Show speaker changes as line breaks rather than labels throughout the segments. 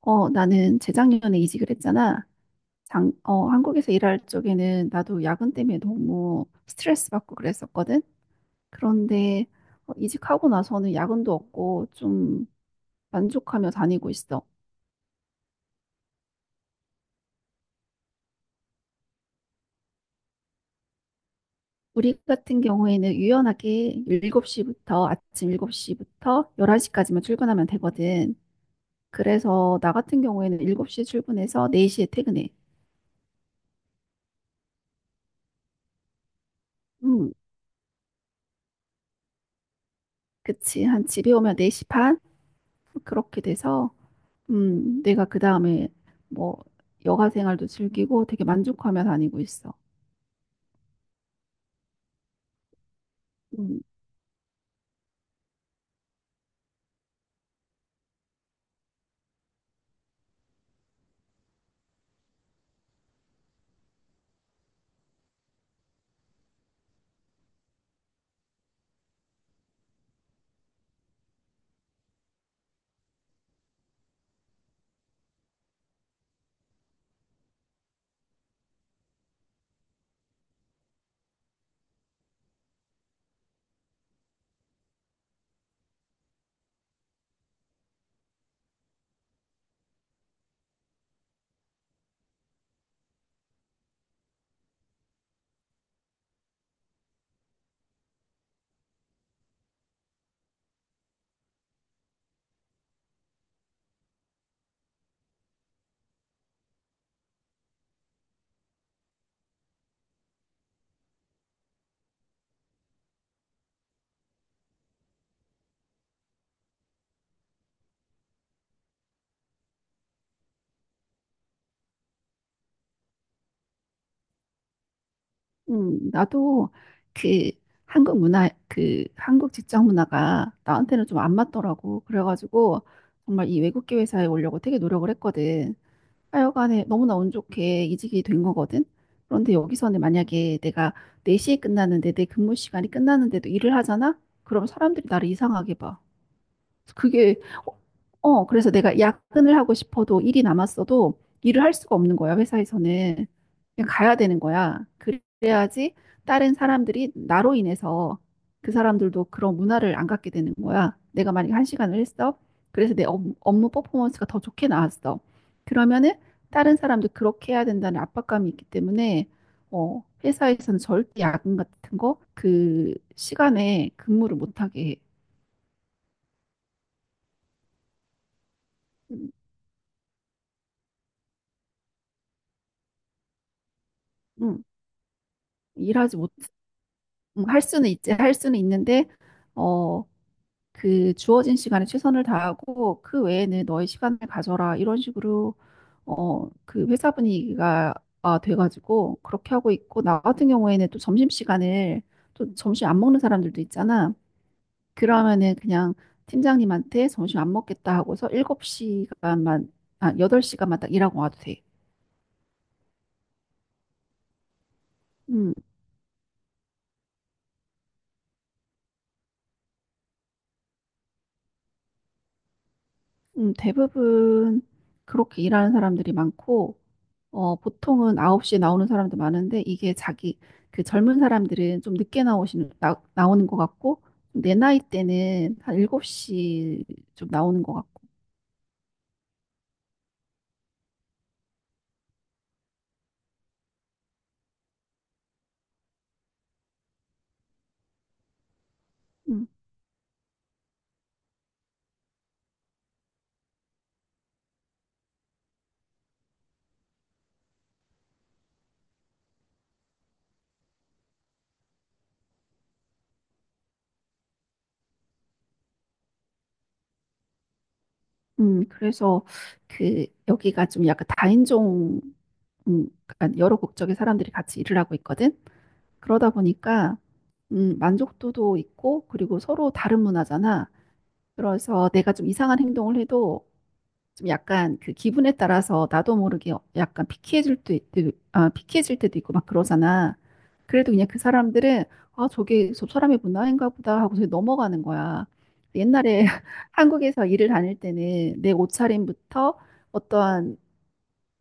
나는 재작년에 이직을 했잖아. 한국에서 일할 적에는 나도 야근 때문에 너무 스트레스 받고 그랬었거든. 그런데 이직하고 나서는 야근도 없고 좀 만족하며 다니고 있어. 우리 같은 경우에는 유연하게 7시부터 아침 7시부터 11시까지만 출근하면 되거든. 그래서 나 같은 경우에는 7시에 출근해서 4시에 퇴근해. 음, 그치. 한 집에 오면 4시 반? 그렇게 돼서 내가 그 다음에 뭐 여가 생활도 즐기고 되게 만족하며 다니고 있어. 음, 나도 그 한국 문화, 그 한국 직장 문화가 나한테는 좀 안 맞더라고. 그래가지고 정말 이 외국계 회사에 오려고 되게 노력을 했거든. 하여간에 너무나 운 좋게 이직이 된 거거든. 그런데 여기서는 만약에 내가 4시에 끝나는데 내 근무 시간이 끝나는데도 일을 하잖아? 그럼 사람들이 나를 이상하게 봐. 그게 어 그래서 내가 야근을 하고 싶어도 일이 남았어도 일을 할 수가 없는 거야. 회사에서는 그냥 가야 되는 거야. 그래야지 다른 사람들이 나로 인해서 그 사람들도 그런 문화를 안 갖게 되는 거야. 내가 만약에 한 시간을 했어. 그래서 내 업무 퍼포먼스가 더 좋게 나왔어. 그러면은 다른 사람도 그렇게 해야 된다는 압박감이 있기 때문에 회사에서는 절대 야근 같은 거 그 시간에 근무를 못하게 해. 음, 음. 일하지 못, 할 수는 있지, 할 수는 있는데, 어, 그 주어진 시간에 최선을 다하고, 그 외에는 너의 시간을 가져라. 이런 식으로, 그 회사 분위기가 아, 돼가지고, 그렇게 하고 있고, 나 같은 경우에는 또 점심시간을, 또 점심 안 먹는 사람들도 있잖아. 그러면은 그냥 팀장님한테 점심 안 먹겠다 하고서 8시간만 딱 일하고 와도 돼. 음, 대부분 그렇게 일하는 사람들이 많고, 보통은 9시에 나오는 사람도 많은데 이게 자기 그 젊은 사람들은 좀 늦게 나오는 것 같고, 내 나이 때는 한 7시 좀 나오는 것 같고. 음, 그래서 그 여기가 좀 약간 다인종, 약간 여러 국적의 사람들이 같이 일을 하고 있거든. 그러다 보니까 만족도도 있고, 그리고 서로 다른 문화잖아. 그래서 내가 좀 이상한 행동을 해도 좀 약간 그 기분에 따라서 나도 모르게 약간 피키해질 때도 있고 막 그러잖아. 그래도 그냥 그 사람들은 아, 저게 저 사람의 문화인가 보다 하고 서 넘어가는 거야. 옛날에 한국에서 일을 다닐 때는 내 옷차림부터 어떠한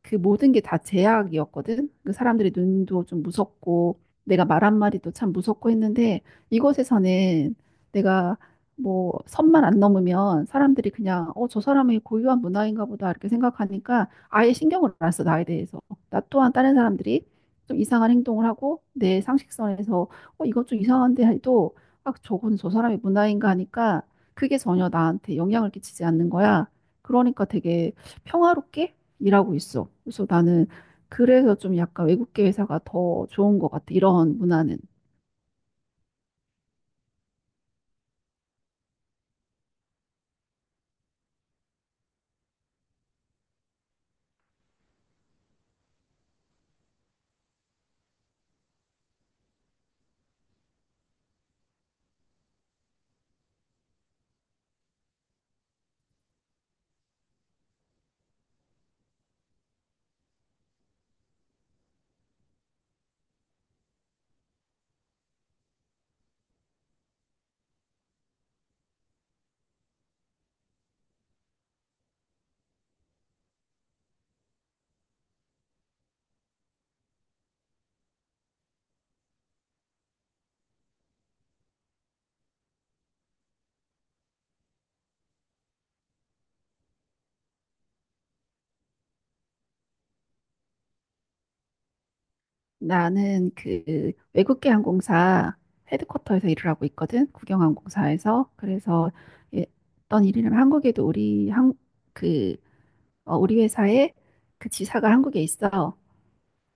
그 모든 게 다 제약이었거든. 그 사람들의 눈도 좀 무섭고 내가 말 한마디도 참 무섭고 했는데, 이곳에서는 내가 뭐 선만 안 넘으면 사람들이 그냥 저 사람이 고유한 문화인가 보다 이렇게 생각하니까 아예 신경을 안 써, 나에 대해서. 나 또한 다른 사람들이 좀 이상한 행동을 하고 내 상식선에서 이건 좀 이상한데 해도 아, 저건 저 사람의 문화인가 하니까 그게 전혀 나한테 영향을 끼치지 않는 거야. 그러니까 되게 평화롭게 일하고 있어. 그래서 나는, 그래서 좀 약간 외국계 회사가 더 좋은 것 같아. 이런 문화는. 나는 그 외국계 항공사 헤드쿼터에서 일을 하고 있거든. 국영항공사에서. 그래서 예, 어떤 일이냐면 한국에도 우리 항, 그, 어, 우리 회사의 그 지사가 한국에 있어.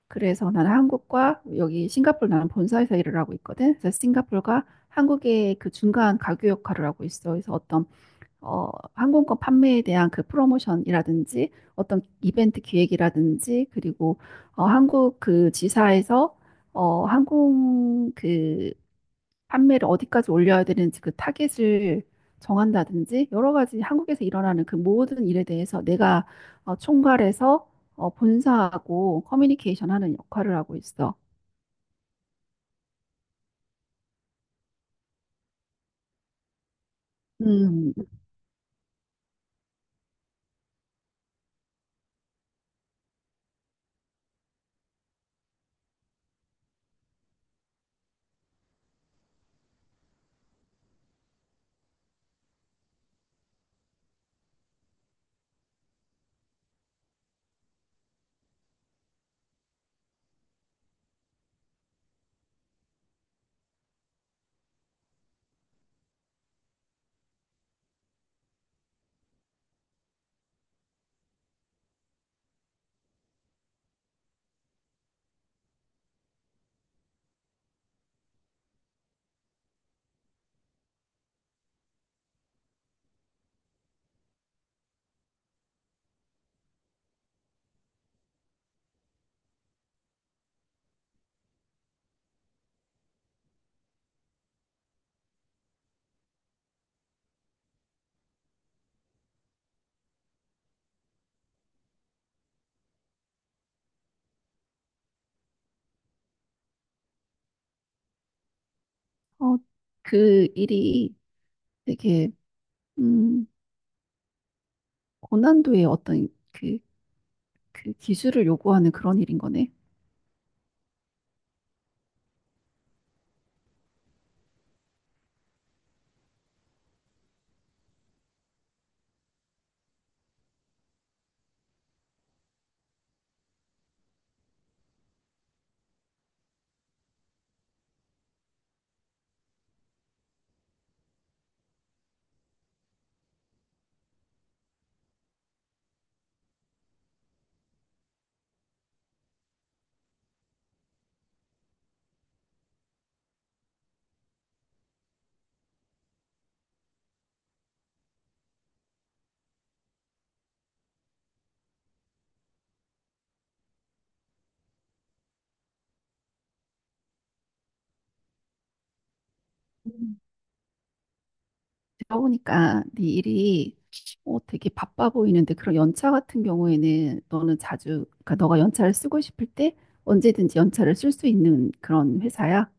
그래서 나는 한국과 여기 싱가포르, 나는 본사에서 일을 하고 있거든. 그래서 싱가포르가 한국의 그 중간 가교 역할을 하고 있어. 그래서 어떤 어, 항공권 판매에 대한 그 프로모션이라든지, 어떤 이벤트 기획이라든지, 그리고 한국 그 지사에서 어, 항공 그 판매를 어디까지 올려야 되는지 그 타겟을 정한다든지, 여러 가지 한국에서 일어나는 그 모든 일에 대해서 내가 총괄해서 본사하고 커뮤니케이션 하는 역할을 하고 있어. 음, 어, 그 일이 되게 음, 고난도의 어떤 그 기술을 요구하는 그런 일인 거네. 음. 제가 보니까 네 일이 되게 바빠 보이는데, 그런 연차 같은 경우에는 너는 자주, 그러니까 너가 연차를 쓰고 싶을 때 언제든지 연차를 쓸 수 있는 그런 회사야?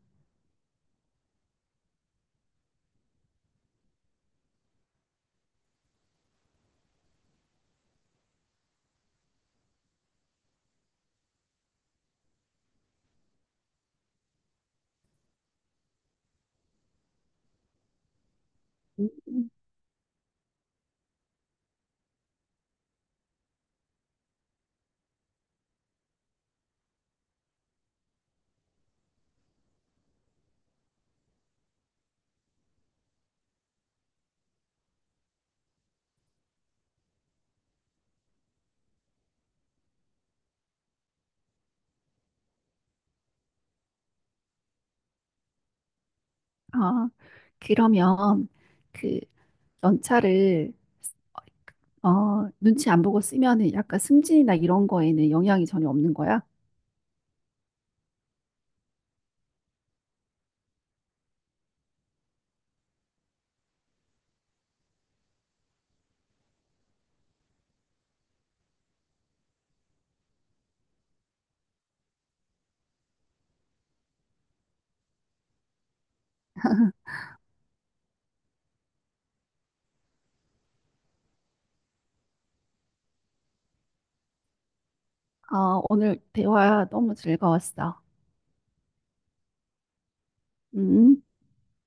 음. 아, 그러면 그 연차를 눈치 안 보고 쓰면은 약간 승진이나 이런 거에는 영향이 전혀 없는 거야? 아, 오늘 대화 너무 즐거웠어. 음.